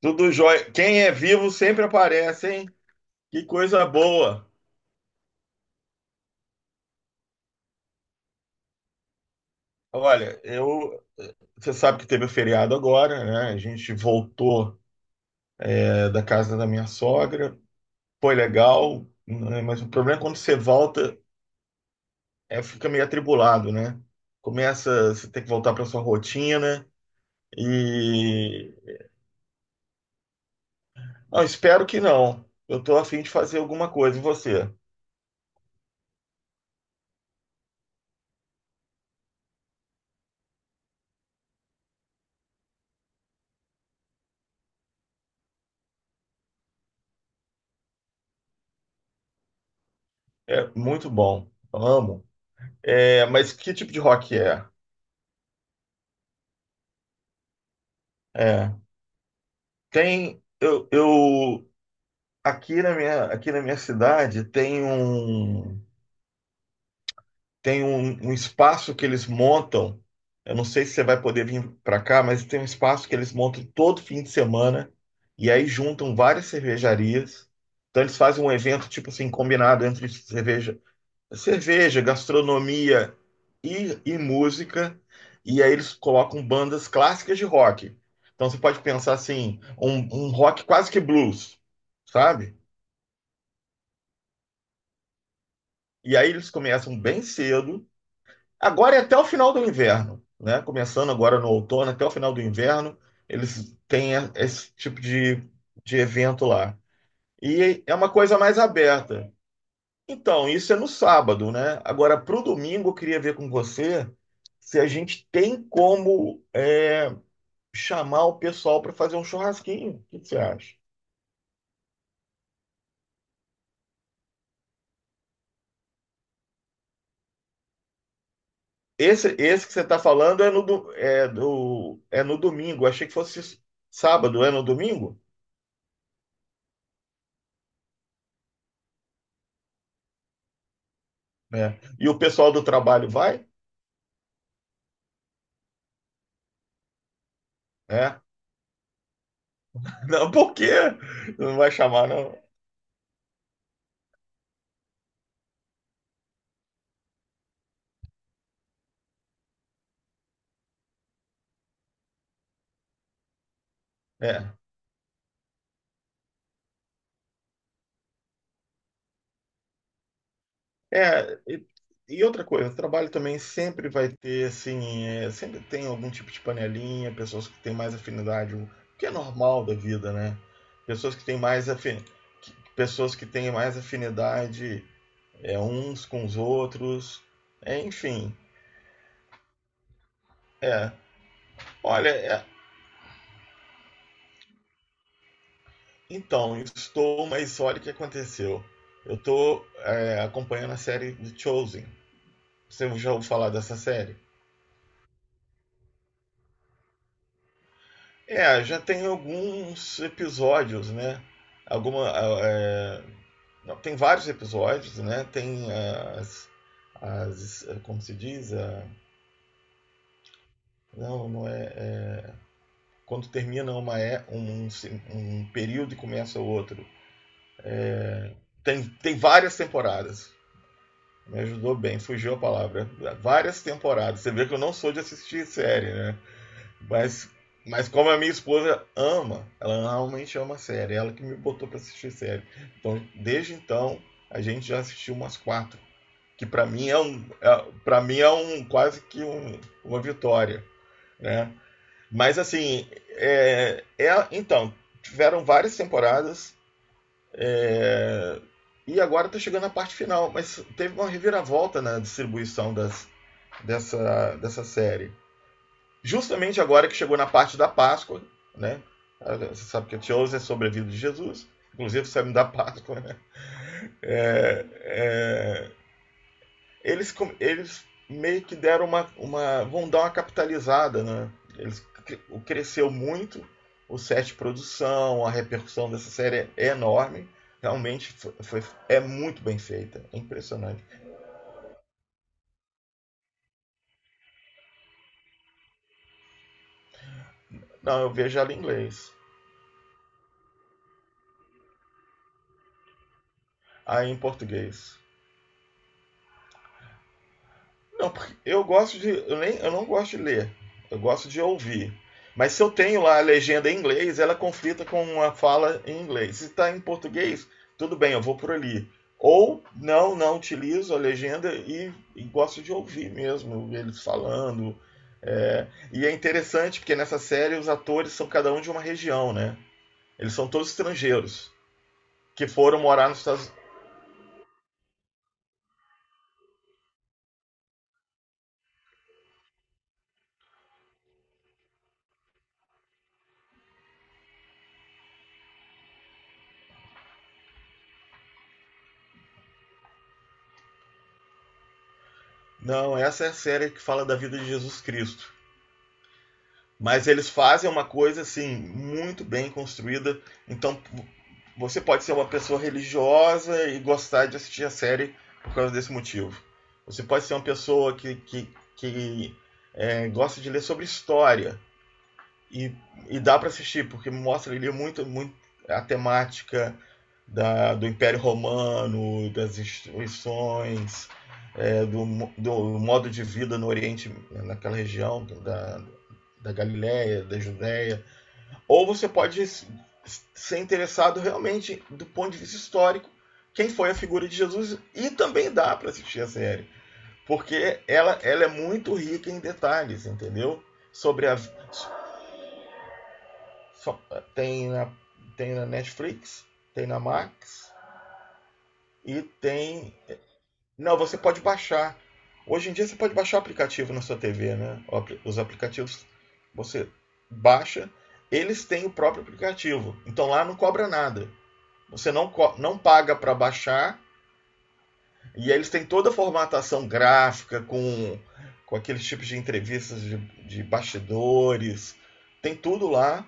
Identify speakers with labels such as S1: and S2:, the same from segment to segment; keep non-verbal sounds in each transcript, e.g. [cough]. S1: Tudo jóia. Quem é vivo sempre aparece, hein? Que coisa boa. Olha, você sabe que teve o feriado agora, né? A gente voltou da casa da minha sogra, foi legal, né? Mas o problema é quando você volta fica meio atribulado, né? Começa, você tem que voltar para sua rotina e não, espero que não. Eu tô a fim de fazer alguma coisa e você. É muito bom. Amo. É, mas que tipo de rock é? É, Tem, eu aqui na minha cidade tem tem um espaço que eles montam. Eu não sei se você vai poder vir para cá, mas tem um espaço que eles montam todo fim de semana e aí juntam várias cervejarias. Então eles fazem um evento tipo assim combinado entre cerveja, gastronomia e música. E aí eles colocam bandas clássicas de rock. Então você pode pensar assim, um rock quase que blues, sabe? E aí eles começam bem cedo. Agora é até o final do inverno, né? Começando agora no outono, até o final do inverno, eles têm esse tipo de evento lá. E é uma coisa mais aberta. Então, isso é no sábado, né? Agora, para o domingo, eu queria ver com você se a gente tem chamar o pessoal para fazer um churrasquinho. O que você acha? Esse que você está falando é no, do, é no domingo. Achei que fosse sábado, é no domingo? É. E o pessoal do trabalho vai? É. Não, por quê? Não vai chamar, não. É. É, e, e outra coisa, o trabalho também sempre vai ter, assim, é, sempre tem algum tipo de panelinha, pessoas que têm mais afinidade, o que é normal da vida, né? Pessoas que têm mais pessoas que têm mais afinidade é, uns com os outros, é, enfim, é. Olha, é, então, estou, mas olha o que aconteceu. Eu estou acompanhando a série The Chosen. Você já ouviu falar dessa série? É, já tem alguns episódios, né? Alguma, ah, é, não, tem vários episódios, né? Tem as, as é, como se diz, a, não, não é é, quando termina uma é um período e começa outro. Tem várias temporadas. Me ajudou bem, fugiu a palavra. Várias temporadas. Você vê que eu não sou de assistir série, né? Mas, mas como a minha esposa ama, ela realmente ama a série, ela que me botou pra assistir série. Então, desde então, a gente já assistiu umas quatro, que pra mim é para mim é um quase que uma vitória, né? Mas assim, então tiveram várias temporadas é, e agora tá chegando a parte final, mas teve uma reviravolta na distribuição dessa série justamente agora que chegou na parte da Páscoa, né? Ah, você sabe que a Teose é sobre a vida de Jesus, inclusive sabe da Páscoa, né? É, é, eles meio que deram uma, uma. Vão dar uma capitalizada, né? Eles, cresceu muito o set de produção, a repercussão dessa série é enorme. Realmente foi, é muito bem feita, é impressionante. Não, eu vejo ela em inglês, aí em português. Não, porque eu gosto de. Eu não gosto de ler. Eu gosto de ouvir. Mas se eu tenho lá a legenda em inglês, ela é conflita com uma fala em inglês. Se está em português, tudo bem, eu vou por ali. Ou não, não utilizo a legenda e gosto de ouvir mesmo eles falando. É, e é interessante porque nessa série os atores são cada um de uma região, né? Eles são todos estrangeiros que foram morar nos Estados Unidos. Não, essa é a série que fala da vida de Jesus Cristo. Mas eles fazem uma coisa assim muito bem construída. Então você pode ser uma pessoa religiosa e gostar de assistir a série por causa desse motivo. Você pode ser uma pessoa que é, gosta de ler sobre história e, e dá para assistir porque mostra ali muito a temática do Império Romano, das instituições, é, do, modo de vida no Oriente, naquela região da Galiléia, da Judéia. Ou você pode ser interessado realmente do ponto de vista histórico quem foi a figura de Jesus e também dá para assistir a série porque ela é muito rica em detalhes, entendeu? Sobre a tem tem na Netflix, tem na Max e tem. Não, você pode baixar. Hoje em dia você pode baixar o aplicativo na sua TV, né? Os aplicativos você baixa, eles têm o próprio aplicativo. Então lá não cobra nada. Você não paga para baixar e aí eles têm toda a formatação gráfica com aqueles tipos de entrevistas de bastidores. Tem tudo lá.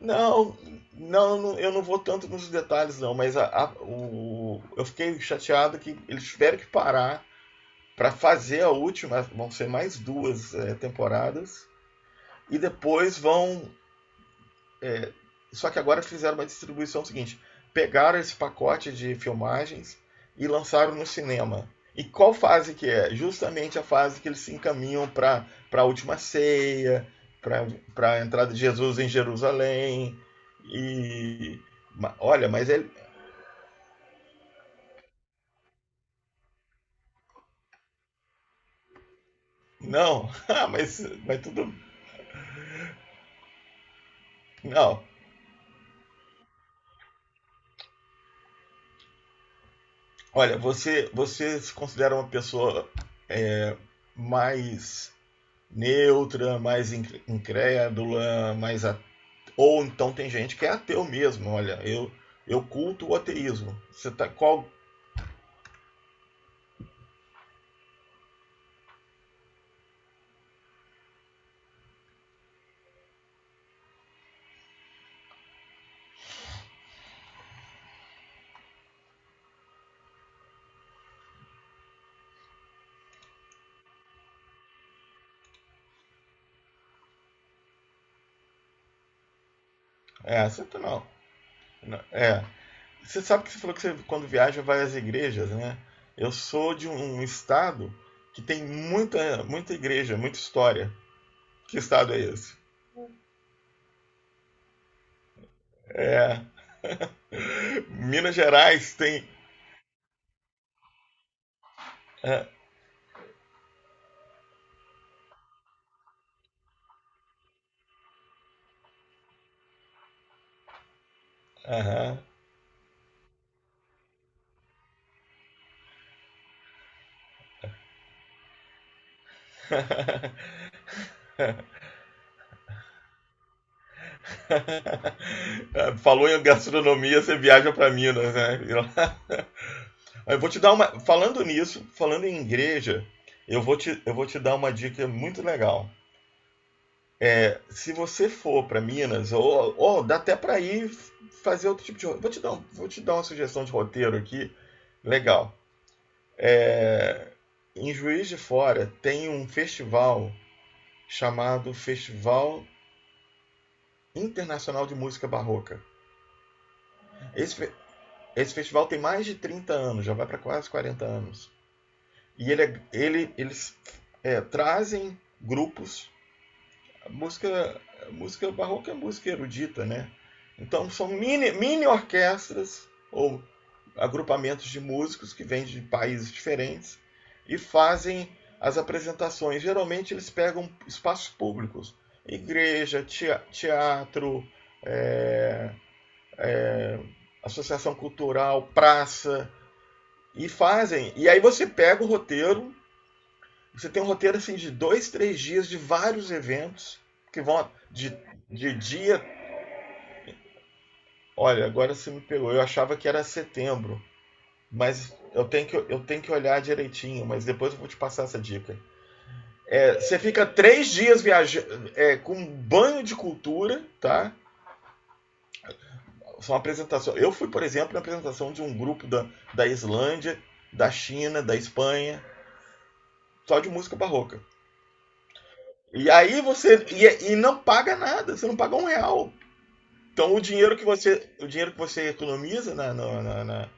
S1: Não, não, eu não vou tanto nos detalhes não, mas eu fiquei chateado que eles tiveram que parar para fazer a última, vão ser mais duas é, temporadas. E depois vão. Só que agora fizeram uma distribuição seguinte: pegaram esse pacote de filmagens e lançaram no cinema. E qual fase que é? Justamente a fase que eles se encaminham para a última ceia, para a entrada de Jesus em Jerusalém. E olha, mas ele não, [laughs] mas tudo não. Olha, você se considera uma pessoa é, mais neutra, mais incrédula, mais ou então tem gente que é ateu mesmo. Olha, eu culto o ateísmo. Você tá qual? É, você tá não. Não, é, você sabe que você falou que você quando viaja vai às igrejas, né? Eu sou de um estado que tem muita igreja, muita história. Que estado é esse? É, Minas Gerais tem. É, aham. [laughs] [laughs] Falou em gastronomia, você viaja para Minas, né? Eu vou te dar uma. Falando nisso, falando em igreja, eu vou te dar uma dica muito legal. Se você for para Minas, ou dá até para ir fazer outro tipo de. Vou te vou te dar uma sugestão de roteiro aqui. Legal. É, em Juiz de Fora tem um festival chamado Festival Internacional de Música Barroca. Esse, Esse festival tem mais de 30 anos, já vai para quase 40 anos. E eles é, trazem grupos. A música, a música barroca é música erudita, né? Então são mini orquestras ou agrupamentos de músicos que vêm de países diferentes e fazem as apresentações. Geralmente eles pegam espaços públicos, igreja, teatro, é, associação cultural, praça. E fazem. E aí você pega o roteiro, você tem um roteiro assim de dois, 3 dias de vários eventos que vão de dia. Olha, agora você me pegou. Eu achava que era setembro, mas eu tenho que olhar direitinho. Mas depois eu vou te passar essa dica. É, você fica 3 dias viajando é, com um banho de cultura, tá? São apresentações. Eu fui, por exemplo, na apresentação de um grupo da Islândia, da China, da Espanha, só de música barroca. E aí você. E não paga nada, você não paga um real. Então o dinheiro o dinheiro que você economiza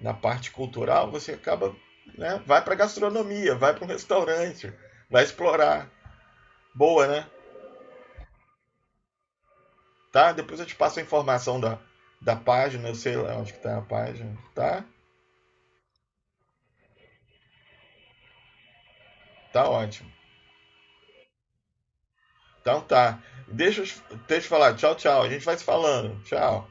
S1: na parte cultural, você acaba. Né, vai para gastronomia, vai para um restaurante, vai explorar. Boa, né? Tá? Depois eu te passo a informação da página, eu sei lá onde que tá a página. Tá? Tá ótimo. Então tá. Deixa, deixa eu falar. Tchau, tchau. A gente vai se falando. Tchau.